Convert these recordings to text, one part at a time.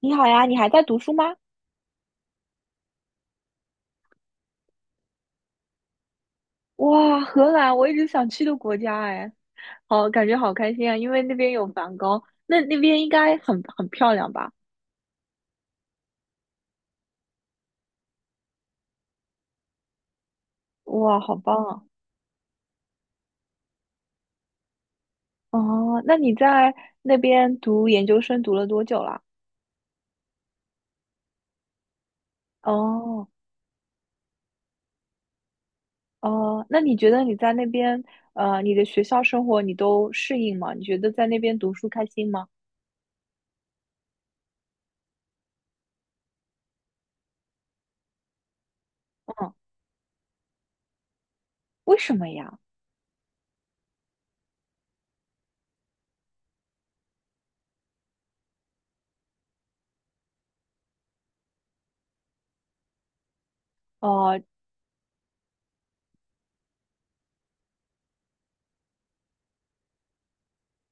你好呀，你还在读书吗？哇，荷兰，我一直想去的国家哎，好，感觉好开心啊，因为那边有梵高，那那边应该很漂亮吧？哇，好棒啊！哦，那你在那边读研究生读了多久了？哦哦，那你觉得你在那边你的学校生活你都适应吗？你觉得在那边读书开心吗？嗯，为什么呀？哦、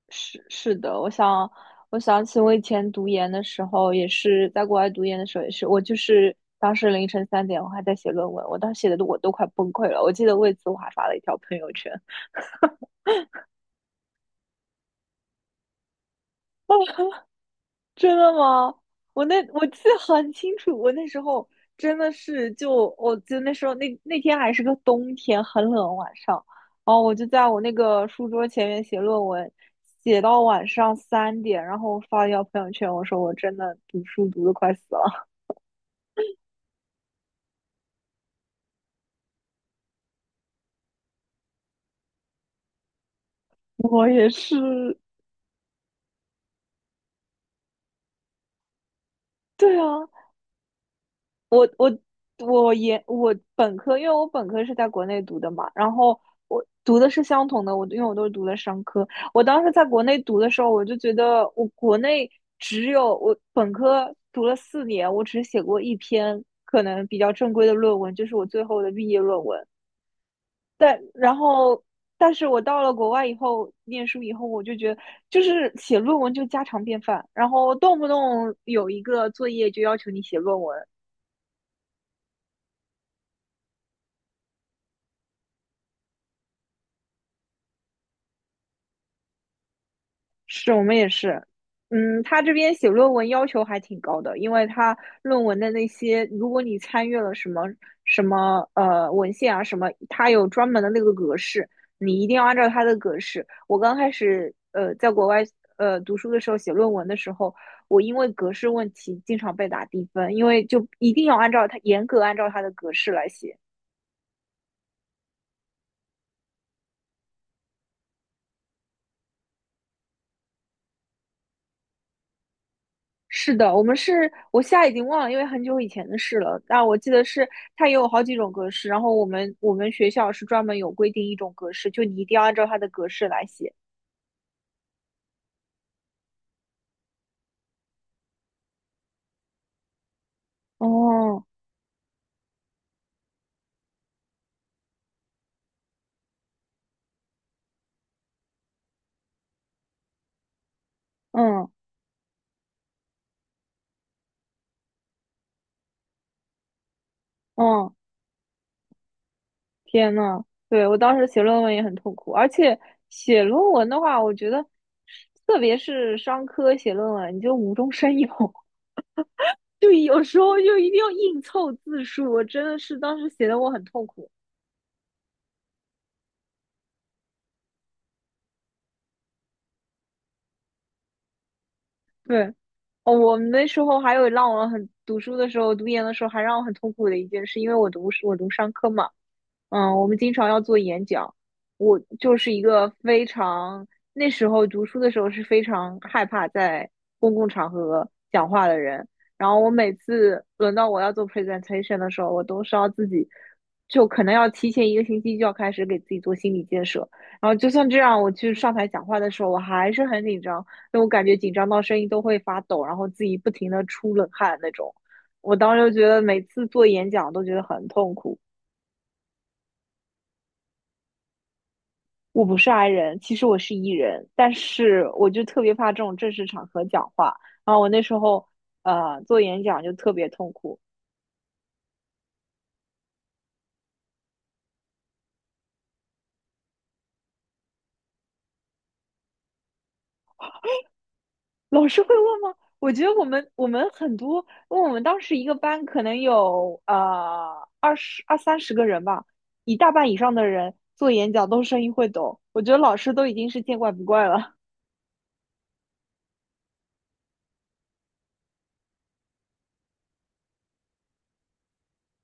是是的，我想起我以前读研的时候，也是在国外读研的时候，也是我就是当时凌晨三点，我还在写论文，我当时写的都我都快崩溃了。我记得为此我还发了一条朋友圈。哦，真的吗？我记得很清楚，我那时候真的是我记得那时候那天还是个冬天，很冷晚上，然后我就在我那个书桌前面写论文。写到晚上三点，然后我发了一条朋友圈，我说我真的读书读的快死了。我也是，对啊，我本科，因为我本科是在国内读的嘛，然后我读的是相同的，因为我都是读的商科。我当时在国内读的时候，我就觉得我国内只有我本科读了四年，我只写过一篇可能比较正规的论文，就是我最后的毕业论文。但然后，但是我到了国外以后，念书以后，我就觉得写论文就家常便饭，然后动不动有一个作业就要求你写论文。是我们也是，嗯，他这边写论文要求还挺高的，因为他论文的那些，如果你参阅了什么文献啊什么，他有专门的那个格式，你一定要按照他的格式。我刚开始在国外读书的时候写论文的时候，我因为格式问题经常被打低分，因为就一定要按照他严格按照他的格式来写。是的，我们是我现在已经忘了，因为很久以前的事了。但我记得是它也有好几种格式，然后我们学校是专门有规定一种格式，就你一定要按照它的格式来写。哦，嗯嗯，天呐，对，我当时写论文也很痛苦，而且写论文的话，我觉得特别是商科写论文，你就无中生有，就有时候就一定要硬凑字数，我真的是当时写的我很痛苦。对，哦，我们那时候还有让我很读书的时候，读研的时候还让我很痛苦的一件事，因为我读商科嘛，嗯，我们经常要做演讲。我就是一个非常，那时候读书的时候是非常害怕在公共场合讲话的人。然后我每次轮到我要做 presentation 的时候，我都是要自己，就可能要提前一个星期就要开始给自己做心理建设。然后就算这样，我去上台讲话的时候，我还是很紧张，因为我感觉紧张到声音都会发抖，然后自己不停的出冷汗那种。我当时就觉得每次做演讲都觉得很痛苦。我不是 I 人，其实我是 E 人，但是我就特别怕这种正式场合讲话。然后我那时候做演讲就特别痛苦，老师会问吗？我觉得我们很多，因为我们当时一个班可能有二十二三十个人吧，一大半以上的人做演讲都声音会抖，我觉得老师都已经是见怪不怪了。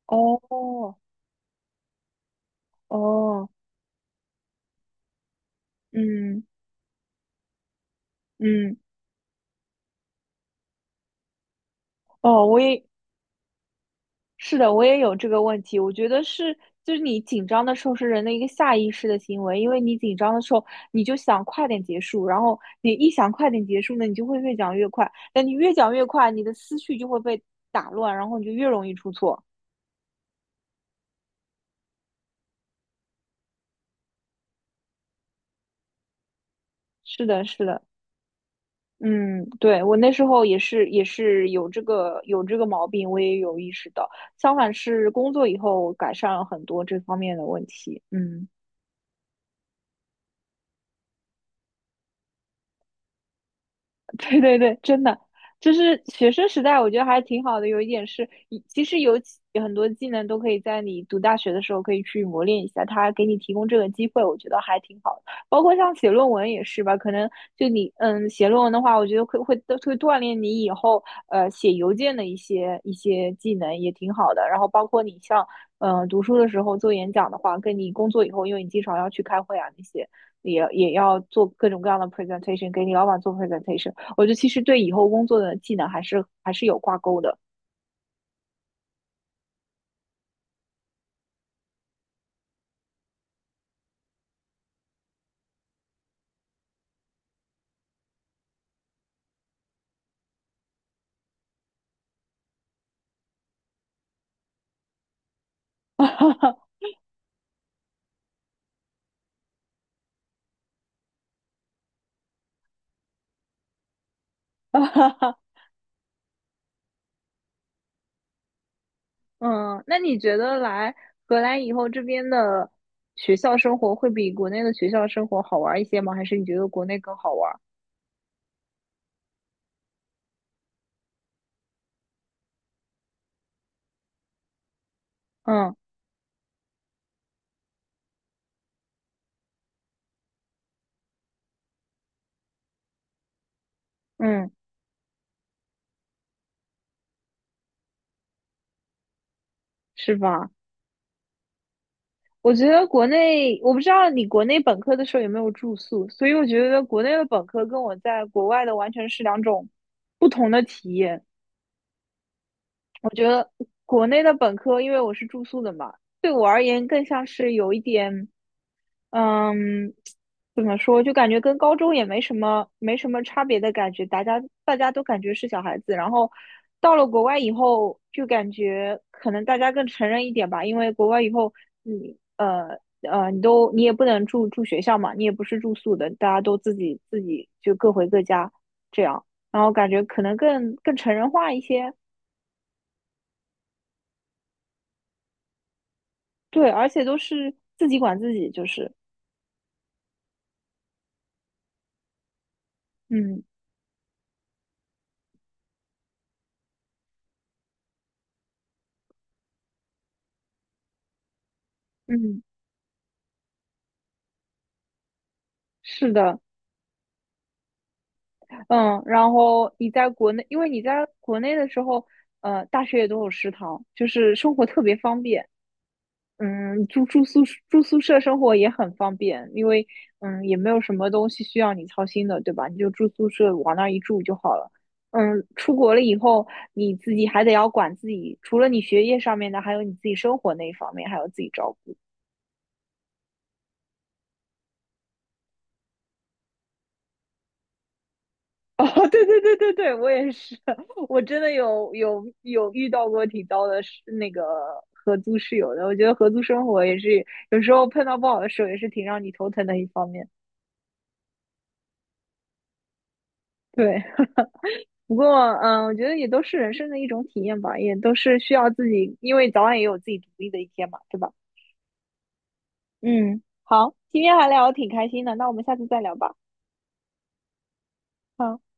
哦哦，嗯嗯哦，我也是的，我也有这个问题。我觉得是，就是你紧张的时候是人的一个下意识的行为，因为你紧张的时候，你就想快点结束，然后你一想快点结束呢，你就会越讲越快。但你越讲越快，你的思绪就会被打乱，然后你就越容易出错。是的，是的，嗯，对，我那时候也是，也是有这个毛病，我也有意识到。相反是工作以后改善了很多这方面的问题。嗯。对对对，真的，就是学生时代，我觉得还挺好的。有一点是，其实有很多技能都可以在你读大学的时候可以去磨练一下，他给你提供这个机会，我觉得还挺好的。包括像写论文也是吧，可能就你嗯写论文的话，我觉得会都会锻炼你以后写邮件的一些技能，也挺好的。然后包括你像读书的时候做演讲的话，跟你工作以后，因为你经常要去开会啊那些，也要做各种各样的 presentation，给你老板做 presentation。我觉得其实对以后工作的技能还是有挂钩的。嗯，那你觉得来荷兰以后，这边的学校生活会比国内的学校生活好玩一些吗？还是你觉得国内更好玩？嗯嗯，是吧？我觉得国内，我不知道你国内本科的时候有没有住宿，所以我觉得国内的本科跟我在国外的完全是两种不同的体验。国内的本科，因为我是住宿的嘛，对我而言更像是有一点嗯，怎么说？就感觉跟高中也没什么差别的感觉，大家都感觉是小孩子。然后到了国外以后，就感觉可能大家更成人一点吧，因为国外以后你也不能住学校嘛，你也不是住宿的，大家都自己就各回各家这样。然后感觉可能更成人化一些，对，而且都是自己管自己，就是嗯嗯，是的。嗯，然后你在国内，因为你在国内的时候，呃，大学也都有食堂，就是生活特别方便。嗯，住宿舍生活也很方便，因为嗯也没有什么东西需要你操心的，对吧？你就住宿舍往那儿一住就好了。嗯，出国了以后，你自己还得要管自己，除了你学业上面的，还有你自己生活那一方面，还要自己照顾。哦，对对对对对，我也是，我真的有遇到过挺糟的室，那个合租室友的。我觉得合租生活也是有时候碰到不好的时候，也是挺让你头疼的一方面。对，不过嗯，我觉得也都是人生的一种体验吧，也都是需要自己，因为早晚也有自己独立的一天嘛，对吧？嗯，好，今天还聊的挺开心的，那我们下次再聊吧。好。